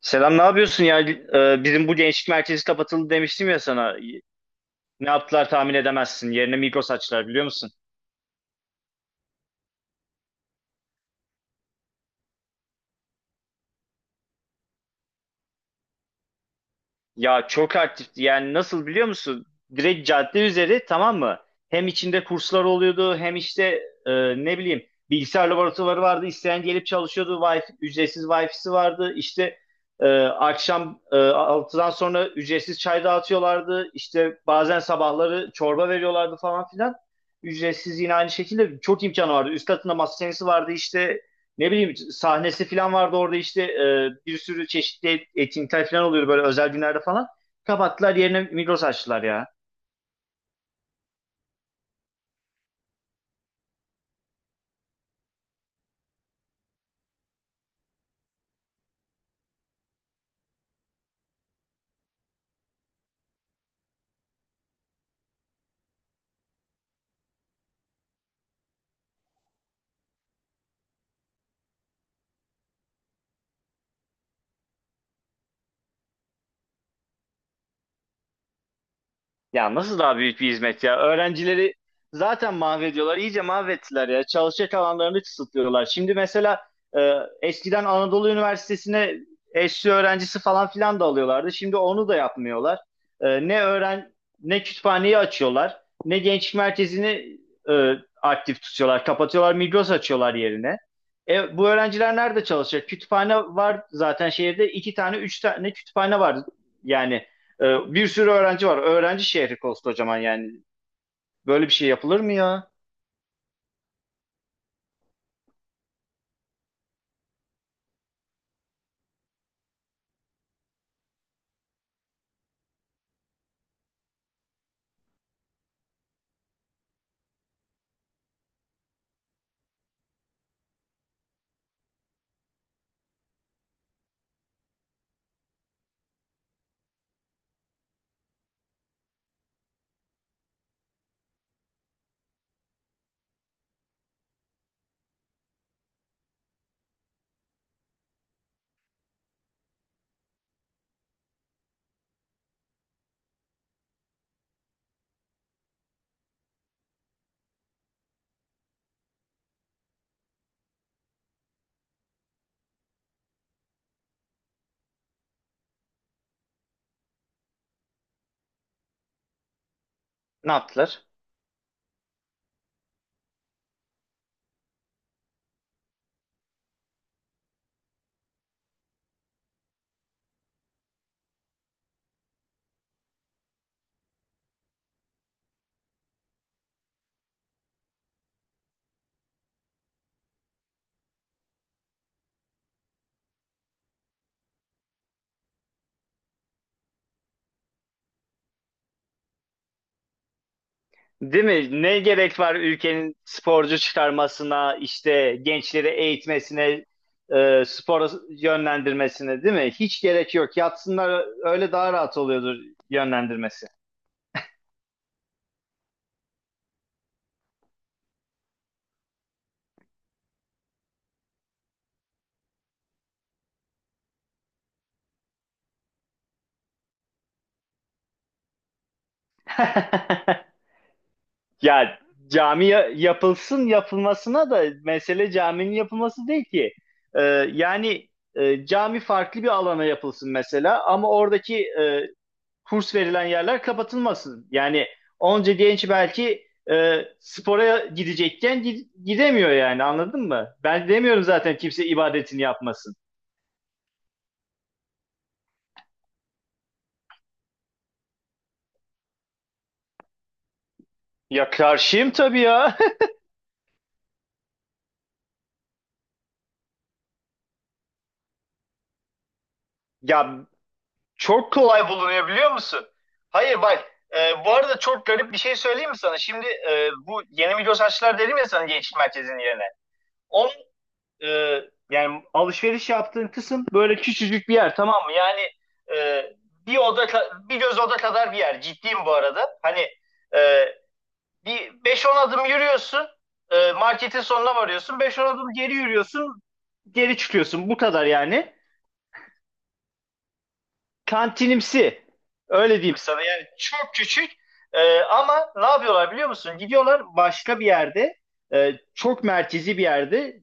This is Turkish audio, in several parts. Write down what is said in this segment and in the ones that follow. Selam, ne yapıyorsun ya? Bizim bu gençlik merkezi kapatıldı demiştim ya sana. Ne yaptılar tahmin edemezsin. Yerine Migros açtılar biliyor musun? Ya çok aktifti. Yani nasıl biliyor musun? Direkt cadde üzeri tamam mı? Hem içinde kurslar oluyordu hem işte e, ne bileyim bilgisayar laboratuvarı vardı. İsteyen gelip çalışıyordu. Wi-Fi, ücretsiz Wi-Fi'si vardı. İşte akşam 6'dan sonra ücretsiz çay dağıtıyorlardı. İşte bazen sabahları çorba veriyorlardı falan filan. Ücretsiz yine aynı şekilde çok imkanı vardı. Üst katında masa tenisi vardı işte ne bileyim sahnesi falan vardı orada işte bir sürü çeşitli etkinlikler falan oluyordu böyle özel günlerde falan. Kapattılar yerine Migros açtılar ya. Ya nasıl daha büyük bir hizmet ya? Öğrencileri zaten mahvediyorlar. İyice mahvettiler ya. Çalışacak alanlarını kısıtlıyorlar. Şimdi mesela e, eskiden Anadolu Üniversitesi'ne eşli öğrencisi falan filan da alıyorlardı. Şimdi onu da yapmıyorlar. E, ne kütüphaneyi açıyorlar, ne gençlik merkezini e, aktif tutuyorlar. Kapatıyorlar, Migros açıyorlar yerine. E, bu öğrenciler nerede çalışacak? Kütüphane var zaten şehirde. İki tane, üç tane kütüphane var. Yani bir sürü öğrenci var. Öğrenci şehri koskocaman yani. Böyle bir şey yapılır mı ya? Ne yaptılar? Değil mi? Ne gerek var ülkenin sporcu çıkarmasına, işte gençleri eğitmesine, spora yönlendirmesine, değil mi? Hiç gerek yok. Yatsınlar öyle daha rahat oluyordur yönlendirmesi. Ya cami yapılsın yapılmasına da mesele caminin yapılması değil ki. Ee, Yani cami farklı bir alana yapılsın mesela ama oradaki kurs verilen yerler kapatılmasın. Yani onca genç belki spora gidecekken gidemiyor yani anladın mı? Ben demiyorum zaten kimse ibadetini yapmasın. Ya karşıyım tabii ya. Ya çok kolay bulunuyor biliyor musun? Hayır bak, bu arada çok garip bir şey söyleyeyim mi sana? Şimdi bu yeni Migros açtılar dedim ya sana gençlik merkezinin yerine. Onun e, yani alışveriş yaptığın kısım böyle küçücük bir yer tamam mı? Yani e, bir oda bir göz oda kadar bir yer. Ciddiyim bu arada. Hani e, bir beş on adım yürüyorsun. Marketin sonuna varıyorsun. Beş on adım geri yürüyorsun. Geri çıkıyorsun. Bu kadar yani. Kantinimsi. Öyle diyeyim sana. Yani çok küçük. E, ama ne yapıyorlar biliyor musun? Gidiyorlar başka bir yerde çok merkezi bir yerde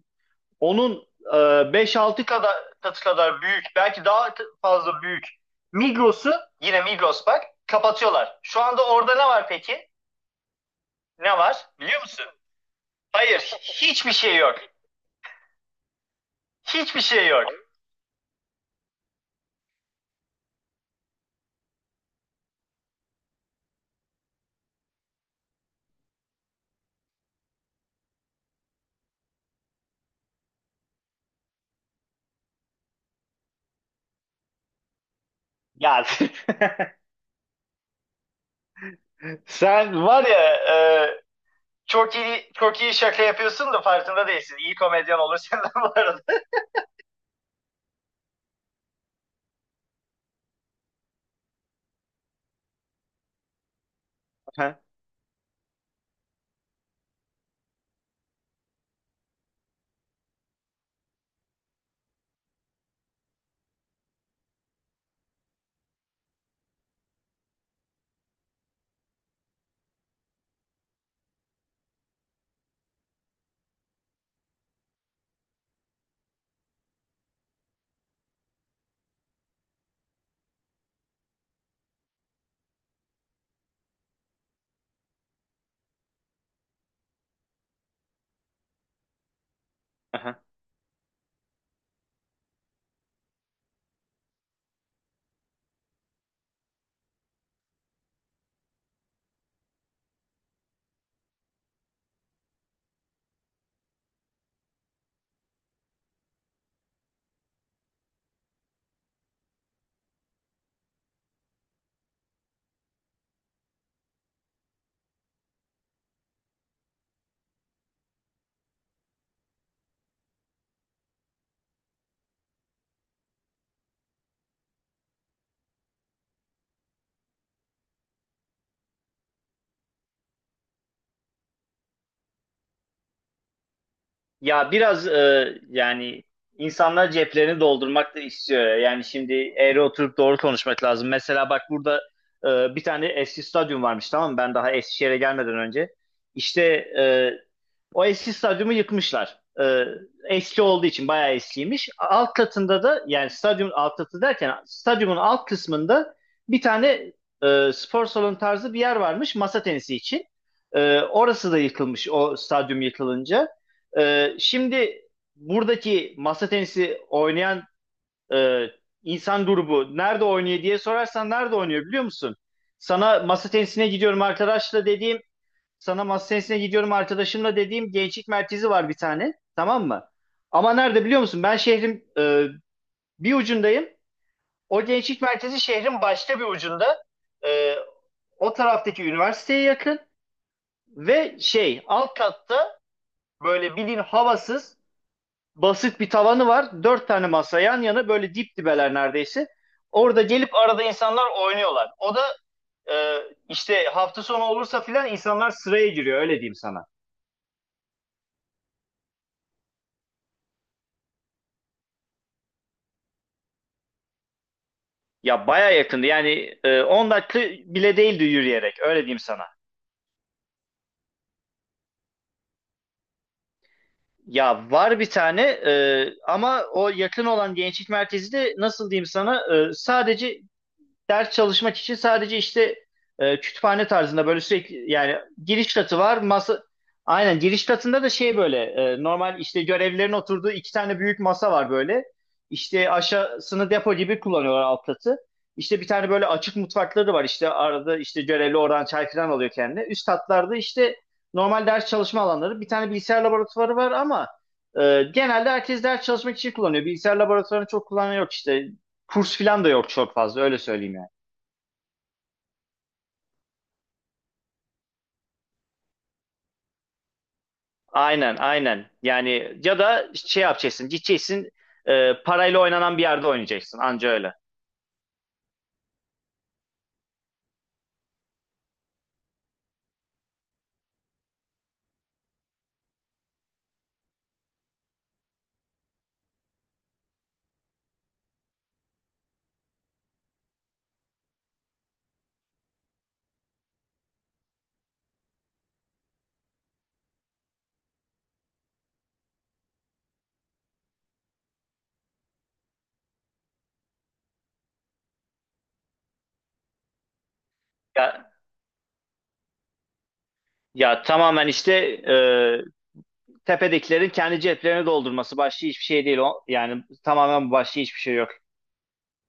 onun beş altı kadar katı kadar büyük, belki daha fazla büyük Migros'u, yine Migros bak kapatıyorlar. Şu anda orada ne var peki? Ne var? Biliyor musun? Hayır, hiçbir şey yok. Hiçbir şey yok. Ya sen var ya, çok iyi çok iyi şaka yapıyorsun da farkında değilsin. İyi komedyen olur senden bu arada. Ya biraz yani insanlar ceplerini doldurmak da istiyor. Yani şimdi eğri oturup doğru konuşmak lazım. Mesela bak burada bir tane eski stadyum varmış tamam mı? Ben daha Eskişehir'e gelmeden önce. İşte e, o eski stadyumu yıkmışlar. E, eski olduğu için bayağı eskiymiş. Alt katında da yani stadyumun alt katı derken stadyumun alt kısmında bir tane spor salonu tarzı bir yer varmış masa tenisi için. E, orası da yıkılmış o stadyum yıkılınca. Şimdi buradaki masa tenisi oynayan e, insan grubu nerede oynuyor diye sorarsan nerede oynuyor biliyor musun? Sana masa tenisine gidiyorum arkadaşla dediğim, sana masa tenisine gidiyorum arkadaşımla dediğim gençlik merkezi var bir tane, tamam mı? Ama nerede biliyor musun? Ben şehrin bir ucundayım. O gençlik merkezi şehrin başka bir ucunda. E, o taraftaki üniversiteye yakın ve şey alt katta böyle bilin havasız basit bir tavanı var. Dört tane masa yan yana böyle dip dibeler neredeyse. Orada gelip arada insanlar oynuyorlar. O da e, işte hafta sonu olursa filan insanlar sıraya giriyor öyle diyeyim sana. Ya baya yakındı yani, 10 dakika bile değildi yürüyerek öyle diyeyim sana. Ya var bir tane ama o yakın olan gençlik merkezi de nasıl diyeyim sana, sadece ders çalışmak için sadece işte kütüphane tarzında böyle sürekli yani giriş katı var. Masa aynen giriş katında da şey böyle normal işte görevlilerin oturduğu iki tane büyük masa var böyle. İşte aşağısını depo gibi kullanıyorlar alt katı. İşte bir tane böyle açık mutfakları var işte arada işte görevli oradan çay falan alıyor kendine. Üst katlarda işte normal ders çalışma alanları. Bir tane bilgisayar laboratuvarı var ama genelde herkes ders çalışmak için kullanıyor. Bilgisayar laboratuvarını çok kullanan yok işte. Kurs falan da yok çok fazla öyle söyleyeyim yani. Aynen, aynen. Yani ya da şey yapacaksın, gideceksin parayla oynanan bir yerde oynayacaksın. Anca öyle. Ya, ya tamamen işte e, tepedekilerin kendi ceplerini doldurması başka hiçbir şey değil. O, yani tamamen başka hiçbir şey yok.